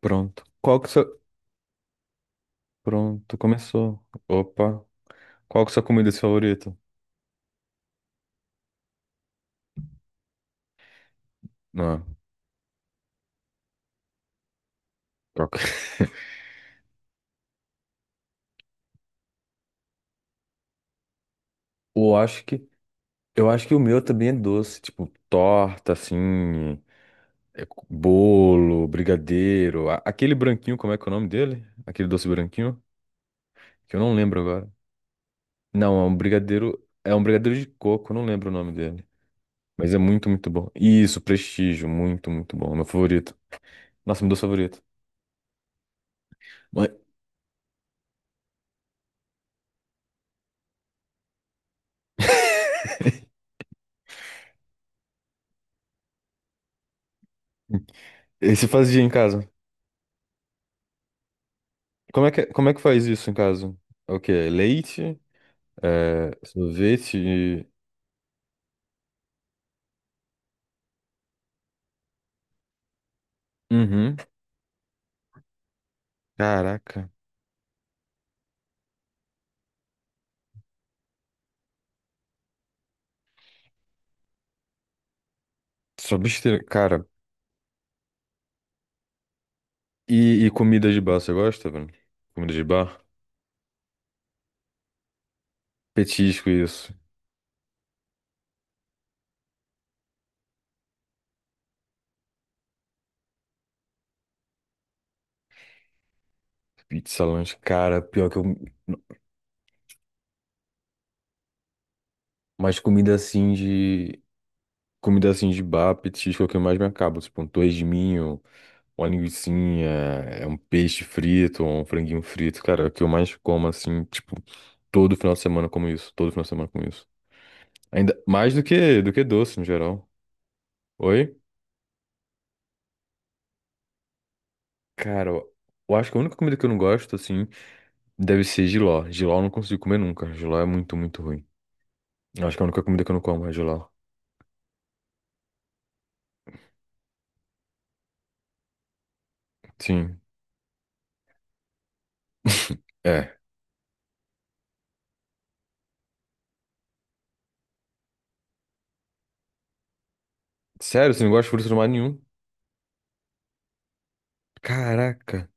Pronto. Qual que sua... Pronto, começou. Opa. Qual que é sua comida favorita? Não, troca. Eu acho que eu acho que o meu também é doce, tipo torta assim, bolo, brigadeiro, aquele branquinho, como é que é o nome dele? Aquele doce branquinho que eu não lembro agora. Não, é um brigadeiro de coco, eu não lembro o nome dele, mas é muito, muito bom. Isso, Prestígio, muito, muito bom, meu favorito. Nossa, meu doce favorito. Mas- esse fazia em casa? Como é que, é, como é que faz isso em casa? É, o quê? Leite? É, sorvete? Uhum. Caraca. Só besteira. Cara, e comida de bar, você gosta, mano? Comida de bar? Petisco, isso. Pizza, lanche. Cara, pior que eu... Mas comida assim de... Comida assim de bar, petisco é o que eu mais me acabo. Tipo, um torresminho, de minho, uma linguicinha, é um peixe frito, um franguinho frito. Cara, é o que eu mais como, assim, tipo... Todo final de semana eu como isso. Todo final de semana eu como isso. Ainda mais do que doce no geral. Oi? Cara, eu acho que a única comida que eu não gosto, assim, deve ser jiló. Jiló eu não consigo comer nunca. Jiló é muito, muito ruim. Eu acho que é a única comida que eu não como é jiló. Sim. É. Sério, você não gosta de frutos do mar nenhum? Caraca,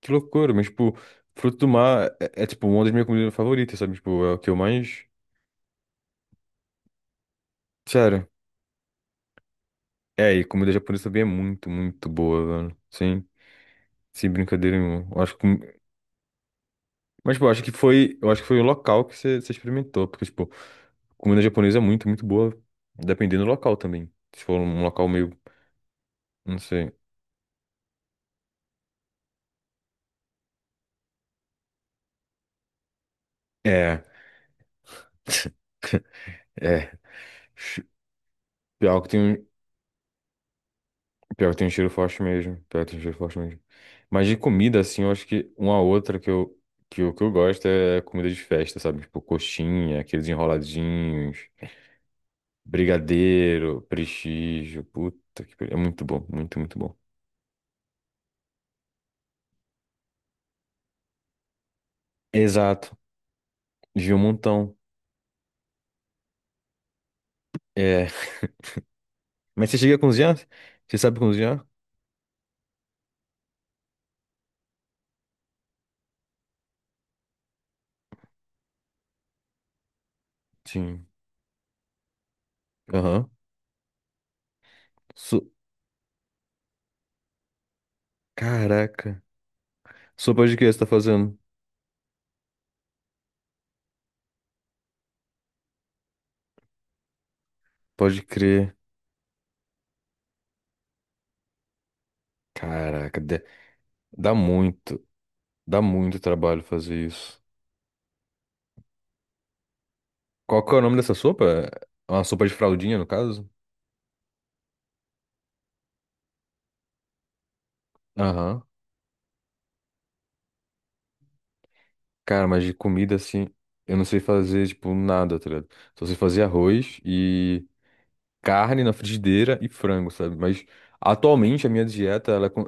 que loucura. Mas, tipo, fruto do mar tipo, uma das minhas comidas favoritas, sabe? Tipo, é o que eu mais. Sério. É, e comida japonesa também é muito, muito boa, mano. Sem, sem brincadeira nenhuma. Eu acho que... Mas, tipo, eu acho que foi o local que você experimentou, porque, tipo, comida japonesa é muito, muito boa, dependendo do local também. Se for um local meio, não sei. É, é. Ch- Pior que tem um, pior que tem um cheiro forte mesmo. Pior que tem um cheiro forte mesmo. Mas de comida, assim, eu acho que uma outra que eu gosto é comida de festa, sabe? Tipo, coxinha, aqueles enroladinhos, brigadeiro, prestígio. Puta que pariu. É muito bom, muito, muito bom. Exato. Vi um montão. É. Mas você chega a cozinhar? Você sabe cozinhar? Sim. Aham. Su- Caraca. Sopa de que você tá fazendo? Pode crer. Caraca, dá muito, dá muito trabalho fazer isso. Qual que é o nome dessa sopa? É uma sopa de fraldinha, no caso? Aham. Cara, mas de comida assim, eu não sei fazer, tipo, nada, tá ligado? Só sei fazer arroz e carne na frigideira e frango, sabe? Mas atualmente a minha dieta,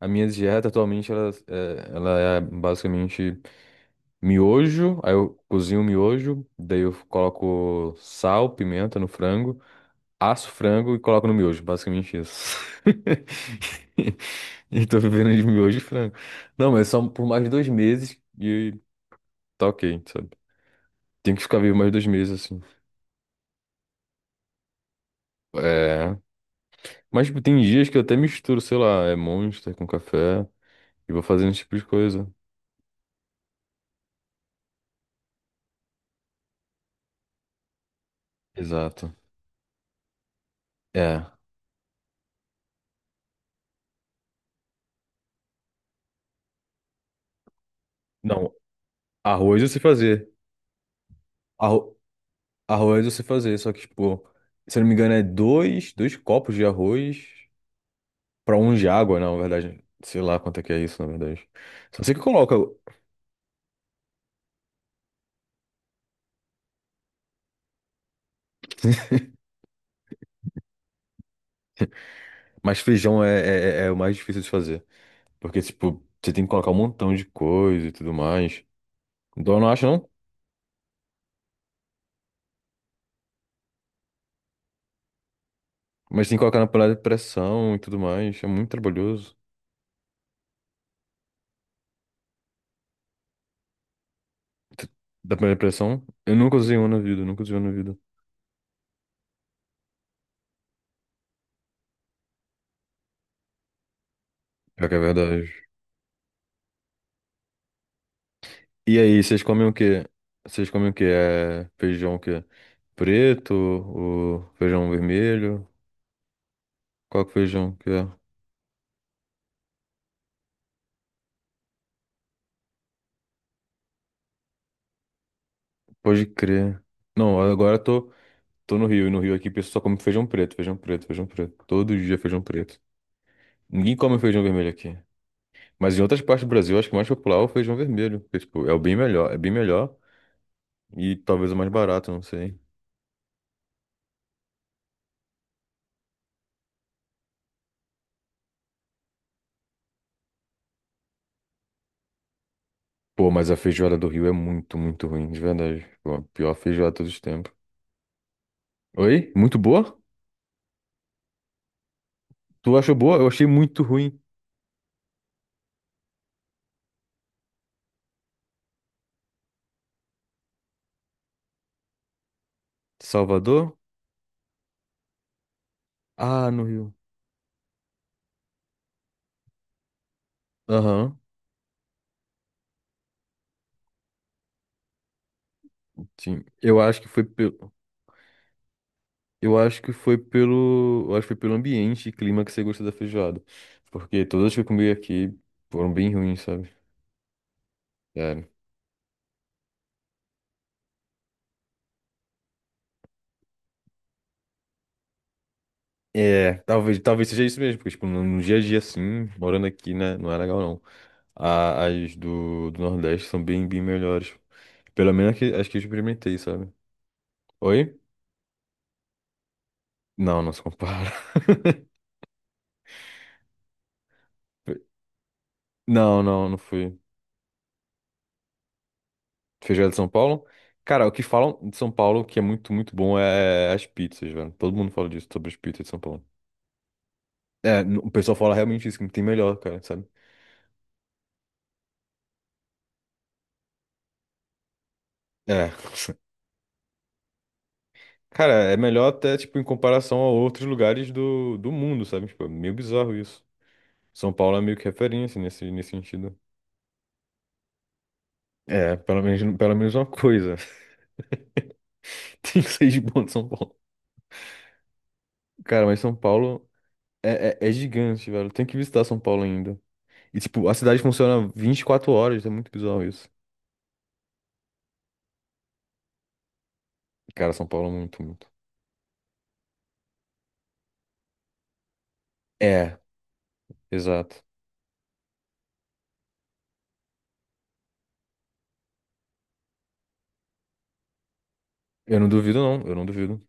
a minha dieta atualmente, ela é basicamente miojo. Aí eu cozinho o miojo, daí eu coloco sal, pimenta no frango, asso o frango e coloco no miojo, basicamente isso. E tô vivendo de miojo e frango. Não, mas só por mais dois meses e tá ok, sabe? Tem que ficar vivo mais dois meses assim. É. Mas tipo, tem dias que eu até misturo, sei lá, é Monster com café e vou fazendo esse tipo de coisa. Exato. É. Não, arroz eu sei fazer. Arro... Arroz eu sei fazer, só que, tipo, se eu não me engano, é dois copos de arroz pra um de água, não, na verdade. Sei lá quanto é que é isso, na verdade. Só sei que coloca, mas feijão é, é o mais difícil de fazer. Porque, tipo, você tem que colocar um montão de coisa e tudo mais. Então eu não acho, não. Mas tem que colocar na panela de pressão e tudo mais. É muito trabalhoso. Tu- Da panela de pressão, eu nunca usei uma na vida, nunca usei uma na vida. Pior que é verdade. E aí, vocês comem o quê? Vocês comem o quê? É feijão o quê? Preto, o feijão vermelho? Qual que é o feijão que é? Pode crer. Não, agora tô no Rio, e no Rio aqui o pessoal só come feijão preto, feijão preto, feijão preto. Todo dia feijão preto. Ninguém come feijão vermelho aqui. Mas em outras partes do Brasil, acho que o mais popular é o feijão vermelho. Porque, tipo, é o bem melhor, é bem melhor e talvez o mais barato, não sei. Pô, mas a feijoada do Rio é muito, muito ruim, de verdade. Pô, a pior feijoada de todos os tempos. Oi? Muito boa? Tu achou boa? Eu achei muito ruim. Salvador? Ah, no Rio. Aham, sim. Eu acho que foi pelo. Eu acho que foi pelo. Eu acho que foi pelo ambiente e clima que você gostou da feijoada. Porque todas que eu comi aqui foram bem ruins, sabe? Sério. É, talvez seja isso mesmo, porque, tipo, no dia a dia, assim, morando aqui, né, não é legal, não. As do Nordeste são bem, bem melhores. Pelo menos que, as que eu experimentei, sabe? Oi? Não, não se compara. Não, não, não fui. Feijoada de São Paulo? Cara, o que falam de São Paulo que é muito, muito bom é as pizzas, velho. Todo mundo fala disso sobre as pizzas de São Paulo. É, o pessoal fala realmente isso, que não tem melhor, cara, sabe? É. Cara, é melhor até, tipo, em comparação a outros lugares do mundo, sabe? Tipo, é meio bizarro isso. São Paulo é meio que referência nesse sentido. É, pelo menos uma coisa. Tem que sair de bom de São Paulo. Cara, mas São Paulo é gigante, velho. Tem que visitar São Paulo ainda. E, tipo, a cidade funciona 24 horas, é muito bizarro isso. Cara, São Paulo é muito, muito. É, exato. Eu não duvido, não. Eu não duvido.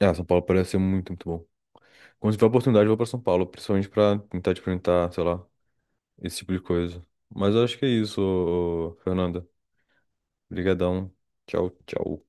Ah, São Paulo parece ser muito, muito bom. Quando tiver oportunidade, eu vou pra São Paulo, principalmente pra tentar experimentar, sei lá, esse tipo de coisa. Mas eu acho que é isso, Fernanda. Obrigadão. Tchau, tchau.